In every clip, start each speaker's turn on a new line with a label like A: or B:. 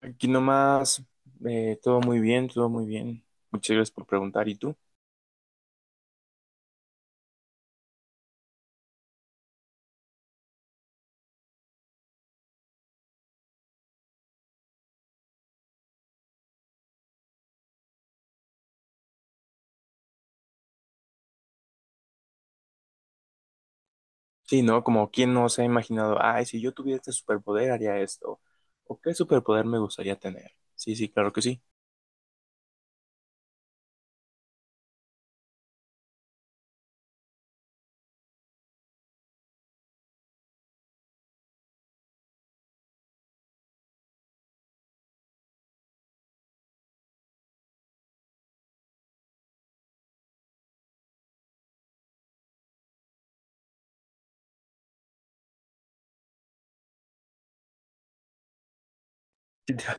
A: Aquí nomás, todo muy bien, todo muy bien. Muchas gracias por preguntar. ¿Y tú? Sí, ¿no? Como quién no se ha imaginado, ay, si yo tuviera este superpoder haría esto. ¿O qué superpoder me gustaría tener? Sí, sí, claro que sí. Si te,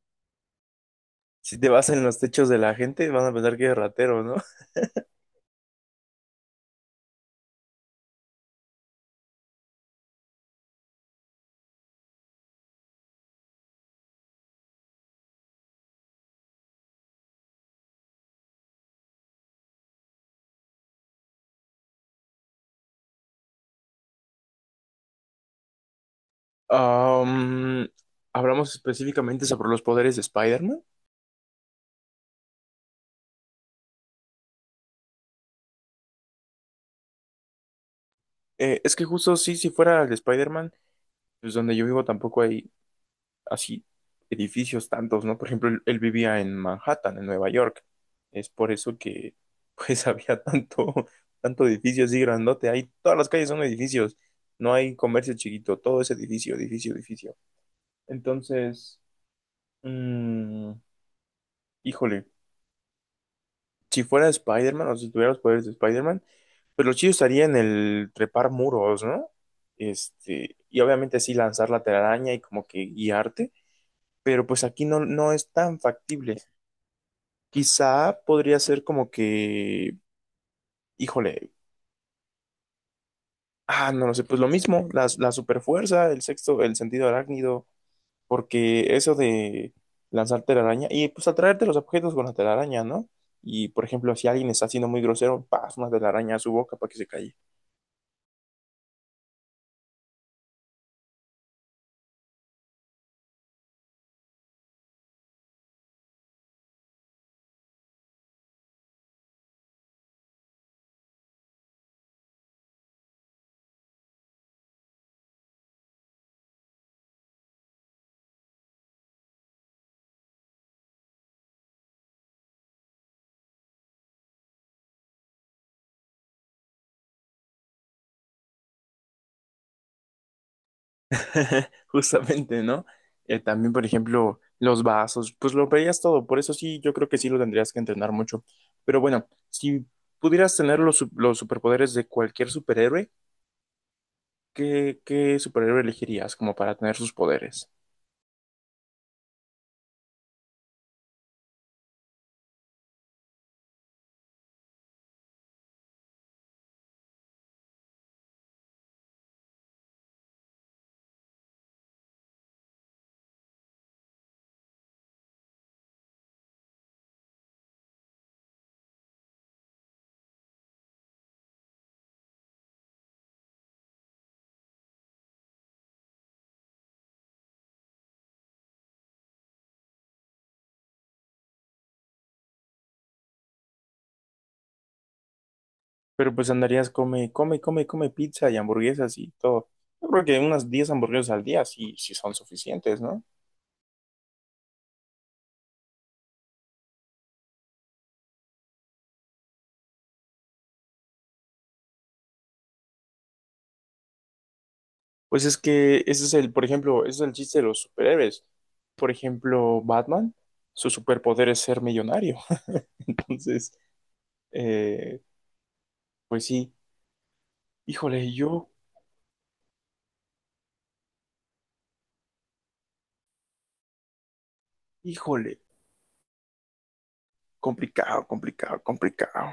A: si te vas en los techos de la gente, van a pensar que eres ratero, ¿no? Am, Hablamos específicamente sobre los poderes de Spider-Man. Es que justo sí, si fuera el de Spider-Man, pues donde yo vivo tampoco hay así edificios tantos, ¿no? Por ejemplo, él vivía en Manhattan, en Nueva York. Es por eso que, pues, había tanto edificio así grandote. Ahí todas las calles son edificios. No hay comercio chiquito. Todo es edificio, edificio, edificio. Entonces, mm, híjole, si fuera Spider-Man o si tuviera los poderes de Spider-Man, pues lo chido estaría en el trepar muros, ¿no? Este, y obviamente sí lanzar la telaraña y como que guiarte. Pero pues aquí no, no es tan factible. Quizá podría ser como que, híjole, no lo sé, pues lo mismo, la superfuerza, el sexto, el sentido arácnido, porque eso de lanzar telaraña y pues atraerte los objetos con la telaraña, ¿no? Y por ejemplo, si alguien está siendo muy grosero, paz, una telaraña a su boca para que se calle. Justamente, ¿no? También, por ejemplo, los vasos, pues lo veías todo, por eso sí, yo creo que sí lo tendrías que entrenar mucho. Pero bueno, si pudieras tener los superpoderes de cualquier superhéroe, ¿qué superhéroe elegirías como para tener sus poderes? Pero pues andarías come pizza y hamburguesas y todo. Yo creo que unas 10 hamburguesas al día sí, sí son suficientes, ¿no? Pues es que ese es el, por ejemplo, ese es el chiste de los superhéroes. Por ejemplo, Batman, su superpoder es ser millonario. Entonces, eh, pues sí, híjole, yo, híjole, complicado, complicado, complicado.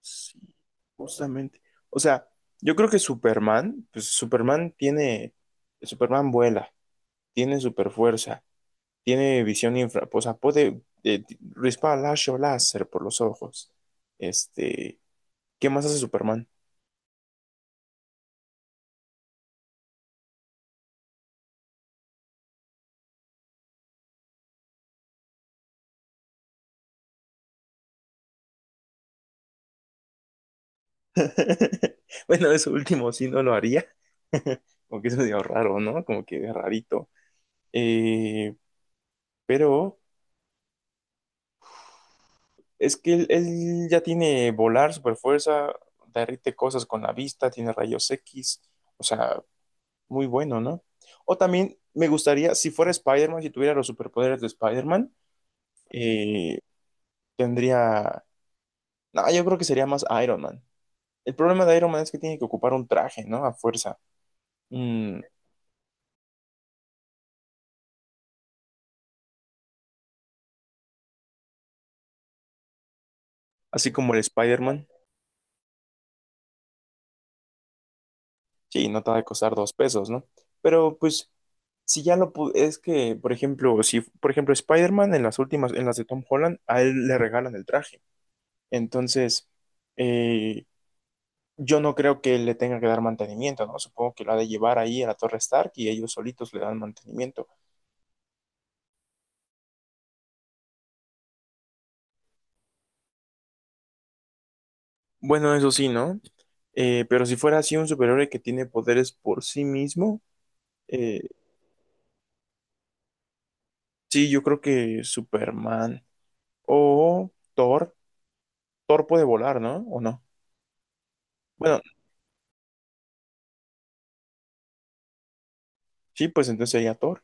A: Sí, justamente. O sea, yo creo que Superman, pues Superman tiene, Superman vuela, tiene super fuerza, tiene visión infra, o sea, puede dispara lazo láser por los ojos. Este, ¿qué más hace Superman? Bueno, eso último sí no lo haría, como que es medio raro, ¿no? Como que es rarito. Eh, pero es que él ya tiene volar, super fuerza, derrite cosas con la vista, tiene rayos X, o sea, muy bueno, ¿no? O también me gustaría, si fuera Spider-Man, si tuviera los superpoderes de Spider-Man, eh, tendría... No, yo creo que sería más Iron Man. El problema de Iron Man es que tiene que ocupar un traje, ¿no? A fuerza. Mm, Así como el Spider-Man. Sí, no te va a costar dos pesos, ¿no? Pero pues, si ya lo pu- es que, por ejemplo, si, por ejemplo, Spider-Man en las últimas, en las de Tom Holland, a él le regalan el traje. Entonces, eh, yo no creo que le tenga que dar mantenimiento, ¿no? Supongo que lo ha de llevar ahí a la Torre Stark y ellos solitos le dan mantenimiento. Bueno, eso sí, ¿no? Pero si fuera así un superhéroe que tiene poderes por sí mismo, eh, sí, yo creo que Superman o Thor, Thor puede volar, ¿no? ¿O no? Bueno, sí, pues entonces sería Thor.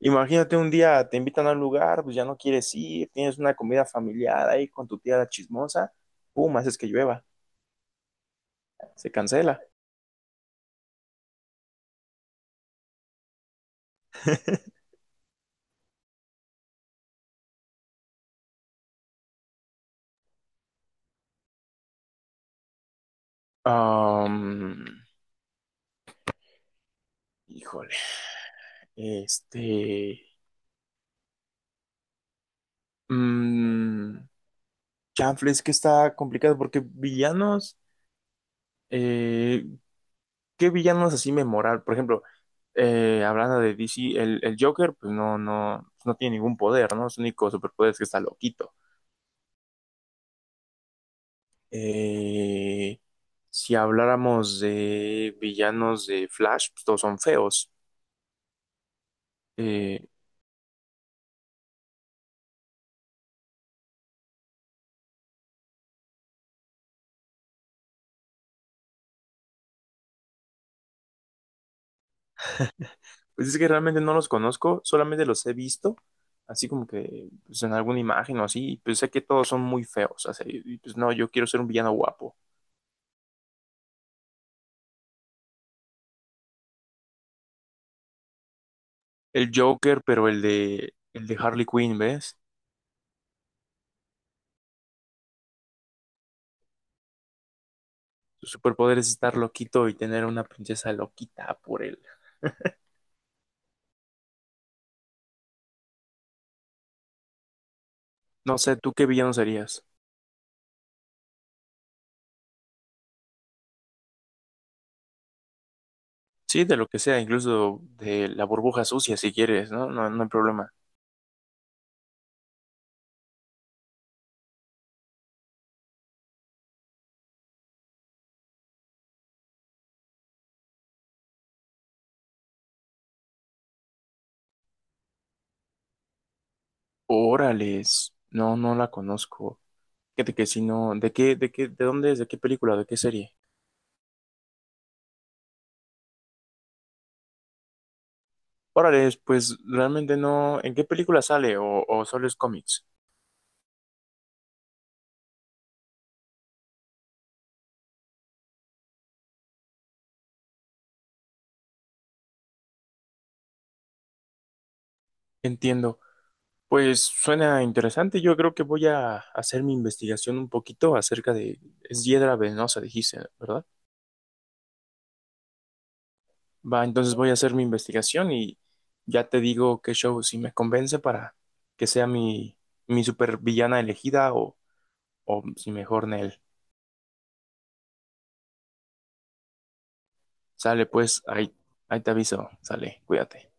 A: Imagínate un día te invitan a un lugar, pues ya no quieres ir, tienes una comida familiar ahí con tu tía la chismosa, pum, haces que llueva, se cancela. Am, híjole, este, mm, chanfle, Es que está complicado porque villanos, eh, ¿qué villanos así memorables? Por ejemplo, hablando de DC, el Joker, pues no, no, pues, no tiene ningún poder, ¿no? Su único superpoder es que está loquito. Eh, si habláramos de villanos de Flash, pues todos son feos. Eh, pues es que realmente no los conozco, solamente los he visto, así como que pues en alguna imagen o así, y pues sé que todos son muy feos. O sea, pues no, yo quiero ser un villano guapo. El Joker, pero el el de Harley Quinn, ¿ves? Su superpoder es estar loquito y tener una princesa loquita por él. No sé, ¿tú qué villano serías? Sí, de lo que sea, incluso de la burbuja sucia, si quieres, ¿no? No, no hay problema. Órales, no, no la conozco. Fíjate que si no, de dónde es, de qué película, de qué serie? Órales, pues realmente no, ¿en qué película sale o solo es cómics? Entiendo. Pues suena interesante, yo creo que voy a hacer mi investigación un poquito acerca de, es hiedra venenosa, dijiste, ¿verdad? Va, entonces voy a hacer mi investigación y ya te digo qué show, si me convence para que sea mi supervillana elegida o si mejor Nell. Sale pues, ahí te aviso, sale, cuídate.